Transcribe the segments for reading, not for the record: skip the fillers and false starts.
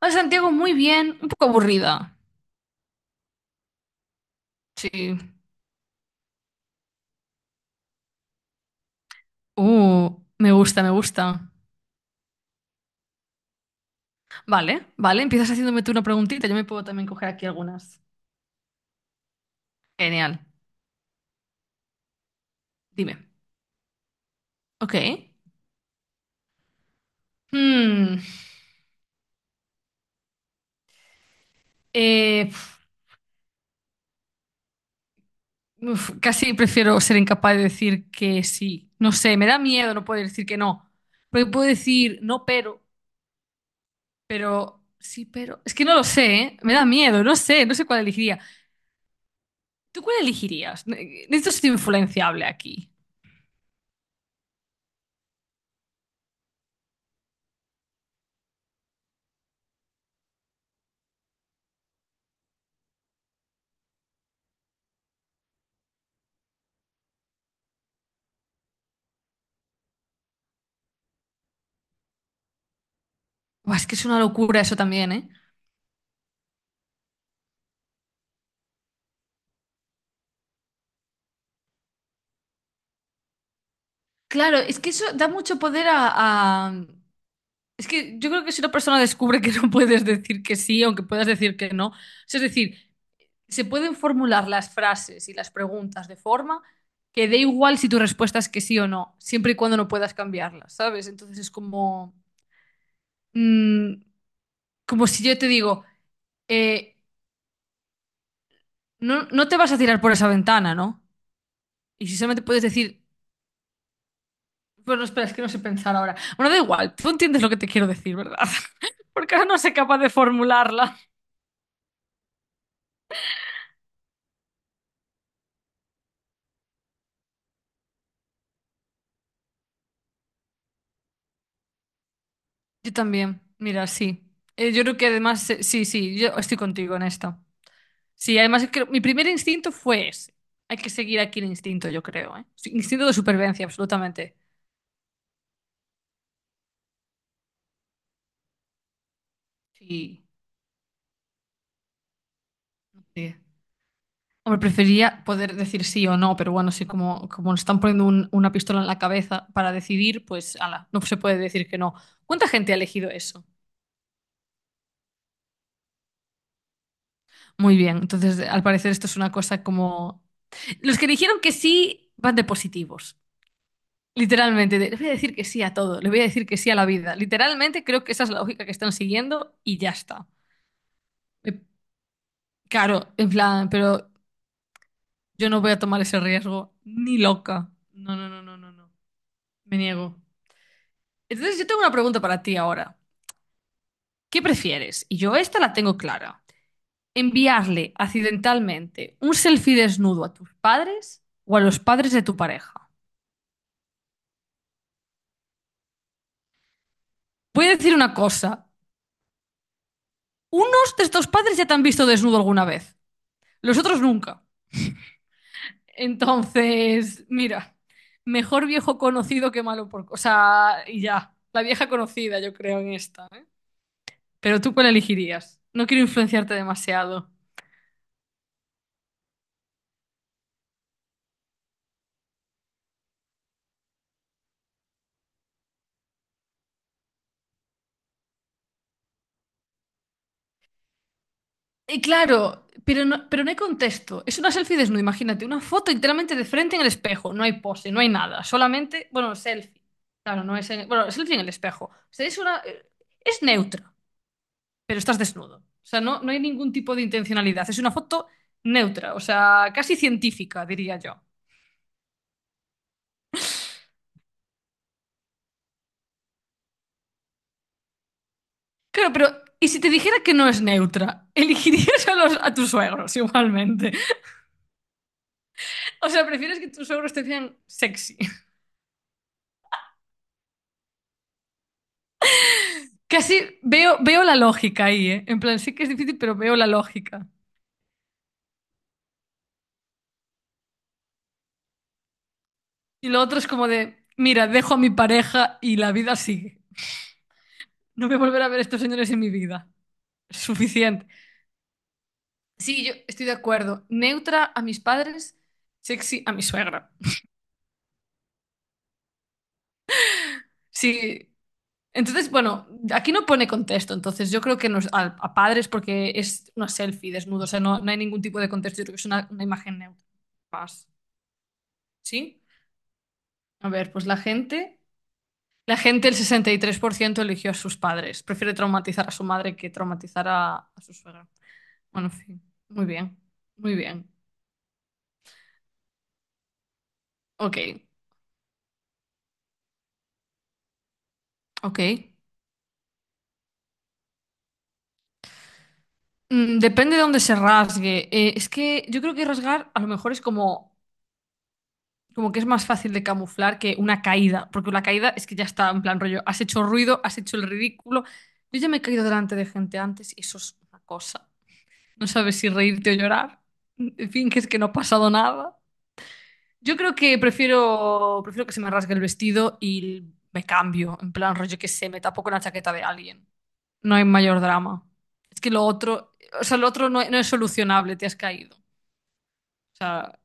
Hola Santiago, muy bien, un poco aburrida. Sí. Uh, me gusta, me gusta. Vale, vale, empiezas haciéndome tú una preguntita, yo me puedo también coger aquí algunas. Genial, dime. Ok. Hmm, eh, uf, casi prefiero ser incapaz de decir que sí. No sé, me da miedo no poder decir que no. Porque puedo decir no, pero, sí, pero. Es que no lo sé, ¿eh? Me da miedo, no sé, no sé cuál elegiría. ¿Tú cuál elegirías? Necesito ser influenciable aquí. Buah, es que es una locura eso también, ¿eh? Claro, es que eso da mucho poder. Es que yo creo que si una persona descubre que no puedes decir que sí, aunque puedas decir que no, o sea, es decir, se pueden formular las frases y las preguntas de forma que dé igual si tu respuesta es que sí o no, siempre y cuando no puedas cambiarlas, ¿sabes? Entonces es como, mm, como si yo te digo, eh, no, no te vas a tirar por esa ventana, ¿no? Y si solamente puedes decir, bueno, espera, es que no sé pensar ahora. Bueno, da igual, tú entiendes lo que te quiero decir, ¿verdad? Porque ahora no soy capaz de formularla. Yo también, mira, sí. Yo creo que además, sí, sí, yo estoy contigo en esto. Sí, además mi primer instinto fue ese. Hay que seguir aquí el instinto, yo creo, ¿eh? Sí, instinto de supervivencia, absolutamente. Sí, sí. Hombre, prefería poder decir sí o no, pero bueno, sí, como nos están poniendo una pistola en la cabeza para decidir, pues, ala, no se puede decir que no. ¿Cuánta gente ha elegido eso? Muy bien, entonces al parecer esto es una cosa como. Los que dijeron que sí van de positivos, literalmente, le voy a decir que sí a todo, le voy a decir que sí a la vida. Literalmente creo que esa es la lógica que están siguiendo y ya está. Eh, Claro, en plan, pero yo no voy a tomar ese riesgo, ni loca. No, no, no, no, no, no, me niego. Entonces yo tengo una pregunta para ti ahora. ¿Qué prefieres? Y yo esta la tengo clara. ¿Enviarle accidentalmente un selfie desnudo a tus padres o a los padres de tu pareja? Voy a decir una cosa. Unos de estos padres ya te han visto desnudo alguna vez, los otros nunca. Entonces, mira, mejor viejo conocido que malo por. O sea, y ya, la vieja conocida yo creo en esta, ¿eh? ¿Pero tú cuál elegirías? No quiero influenciarte demasiado. Y claro, pero no hay contexto. Es una selfie desnuda, imagínate, una foto enteramente de frente en el espejo. No hay pose, no hay nada. Solamente, bueno, selfie. Claro, no es bueno, selfie en el espejo. O sea, es neutra. Pero estás desnudo. O sea, no, no hay ningún tipo de intencionalidad. Es una foto neutra, o sea, casi científica, diría yo. Claro, pero ¿y si te dijera que no es neutra? Elegirías a tus suegros igualmente. O sea, prefieres que tus suegros te vean sexy. Casi veo la lógica ahí, ¿eh? En plan, sí que es difícil, pero veo la lógica. Y lo otro es como de, mira, dejo a mi pareja y la vida sigue. No voy a volver a ver a estos señores en mi vida. Suficiente. Sí, yo estoy de acuerdo. Neutra a mis padres, sexy a mi suegra. Sí. Entonces, bueno, aquí no pone contexto, entonces yo creo que nos, a padres porque es una selfie desnudo, o sea, no, no hay ningún tipo de contexto, yo creo que es una imagen neutra más. ¿Sí? A ver, pues la gente, el 63% eligió a sus padres, prefiere traumatizar a su madre que traumatizar a su suegra. Bueno, en fin, muy bien, muy bien. Ok, ok. Depende de dónde se rasgue. Es que yo creo que rasgar a lo mejor es como que es más fácil de camuflar que una caída, porque la caída es que ya está en plan rollo, has hecho ruido, has hecho el ridículo. Yo ya me he caído delante de gente antes y eso es una cosa. No sabes si reírte o llorar. En fin, que es que no ha pasado nada. Yo creo que prefiero que se me rasgue el vestido y me cambio, en plan rollo que se me tapo con la chaqueta de alguien. No hay mayor drama. Es que lo otro, o sea, lo otro no es solucionable, te has caído. O sea,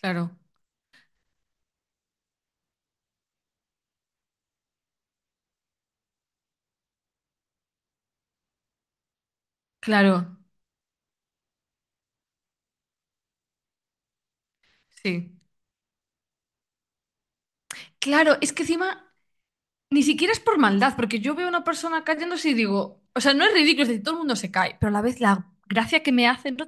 claro, claro, sí. Claro, es que encima ni siquiera es por maldad, porque yo veo a una persona cayéndose y digo, o sea, no es ridículo, es decir, todo el mundo se cae, pero a la vez la gracia que me hace no,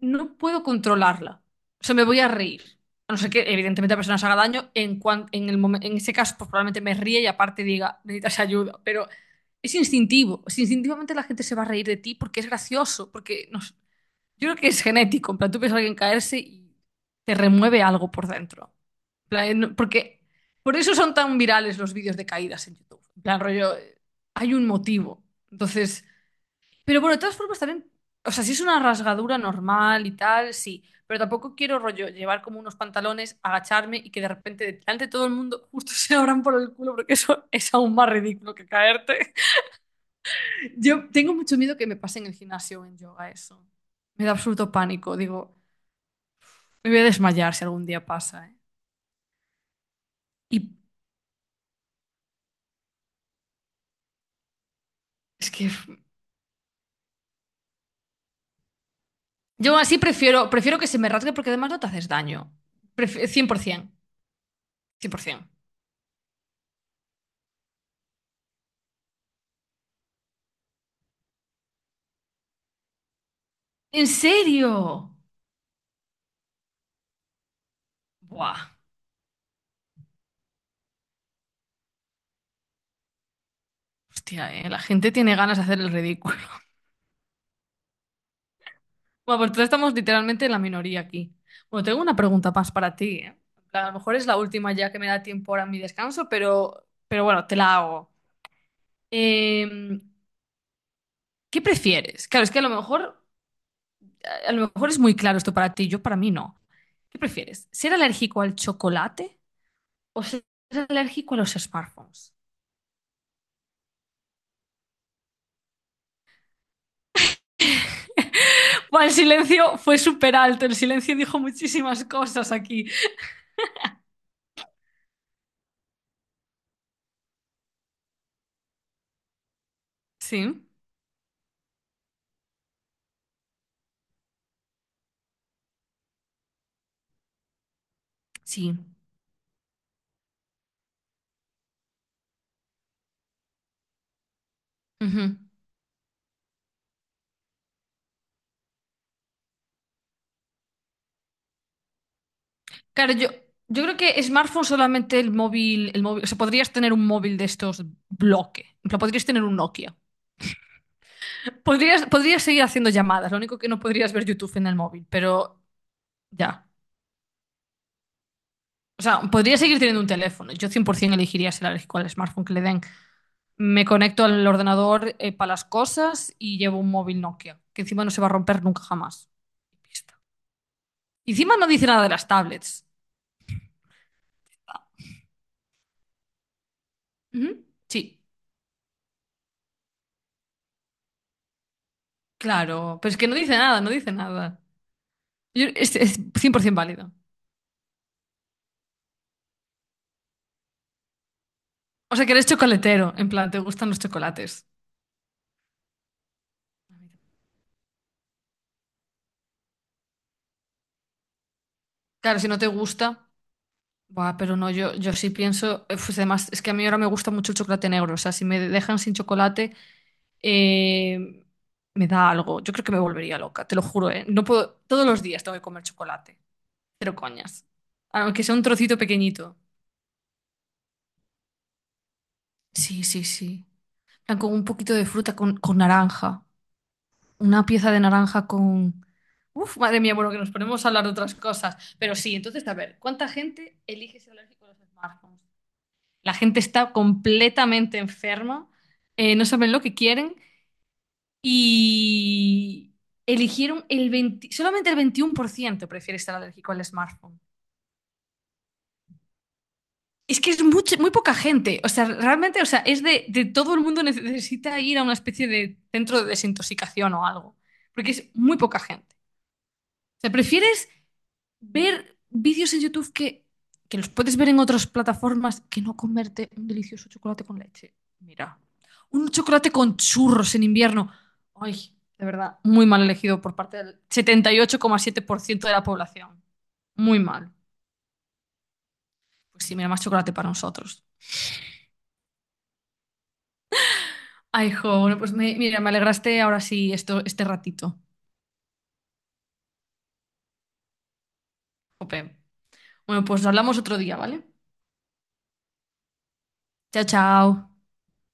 no puedo controlarla. O sea, me voy a reír. A no ser que, evidentemente, la persona se haga daño, en, cuan- en, el momen- en ese caso, pues probablemente me ríe y aparte diga, necesitas ayuda, pero es instintivo. Es instintivamente la gente se va a reír de ti porque es gracioso, porque no sé, yo creo que es genético, en plan, tú ves a alguien caerse y te remueve algo por dentro. En plan, porque por eso son tan virales los vídeos de caídas en YouTube. En plan, rollo, hay un motivo. Entonces, pero bueno, de todas formas también, o sea, si es una rasgadura normal y tal, sí, pero tampoco quiero rollo llevar como unos pantalones, agacharme y que de repente delante de todo el mundo justo se abran por el culo, porque eso es aún más ridículo que caerte. Yo tengo mucho miedo que me pase en el gimnasio o en yoga eso. Me da absoluto pánico, digo, me voy a desmayar si algún día pasa, ¿eh? Y es que uf, yo así prefiero que se me rasgue porque además no te haces daño. Cien por 100%. ¿En serio? Buah, hostia, la gente tiene ganas de hacer el ridículo. Bueno, pues entonces estamos literalmente en la minoría aquí. Bueno, tengo una pregunta más para ti, eh. En plan, a lo mejor es la última ya que me da tiempo ahora en mi descanso, pero bueno, te la hago. Eh, ¿Qué prefieres? Claro, es que a lo mejor es muy claro esto para ti, yo para mí no. ¿Qué prefieres? ¿Ser alérgico al chocolate o seas alérgico a los smartphones? Buah, el silencio fue súper alto, el silencio dijo muchísimas cosas aquí. Sí, sí. Ujú. Claro, yo creo que smartphone solamente el móvil, o sea, podrías tener un móvil de estos bloque, en plan, podrías tener un Nokia. Podrías seguir haciendo llamadas, lo único que no podrías ver YouTube en el móvil, pero ya. O sea, podrías seguir teniendo un teléfono. Yo 100% elegiría ser alérgico al smartphone que le den. Me conecto al ordenador para las cosas y llevo un móvil Nokia, que encima no se va a romper nunca jamás. Pista. Y encima no dice nada de las tablets. Ujú. Sí, claro, pero es que no dice nada, no dice nada. Es 100% válido. O sea, que eres chocolatero, en plan, te gustan los chocolates. Claro, si no te gusta, buah, pero no, yo sí pienso, pues además, es que a mí ahora me gusta mucho el chocolate negro, o sea, si me dejan sin chocolate. eh, Me da algo. Yo creo que me volvería loca, te lo juro, ¿eh? No puedo, todos los días tengo que comer chocolate. Pero coñas. Aunque sea un trocito pequeñito. Sí, sí, sí. En plan, con un poquito de fruta, con naranja. Una pieza de naranja con. Uf, madre mía, bueno, que nos ponemos a hablar de otras cosas. Pero sí, entonces, a ver, ¿cuánta gente elige ser alérgico a los smartphones? La gente está completamente enferma, no saben lo que quieren. Y eligieron el 20 solamente el 21% prefiere estar alérgico al smartphone. Es que es muy poca gente. O sea, realmente, o sea, es de todo el mundo necesita ir a una especie de centro de desintoxicación o algo. Porque es muy poca gente. O sea, prefieres ver vídeos en YouTube que los puedes ver en otras plataformas que no comerte un delicioso chocolate con leche. Mira, un chocolate con churros en invierno. Ay, de verdad, muy mal elegido por parte del 78,7% de la población. Muy mal. Pues sí, mira, más chocolate para nosotros. Ay, jo, bueno, pues mira, me alegraste ahora sí esto, este ratito. Jope. Bueno, pues hablamos otro día, ¿vale? Chao, chao.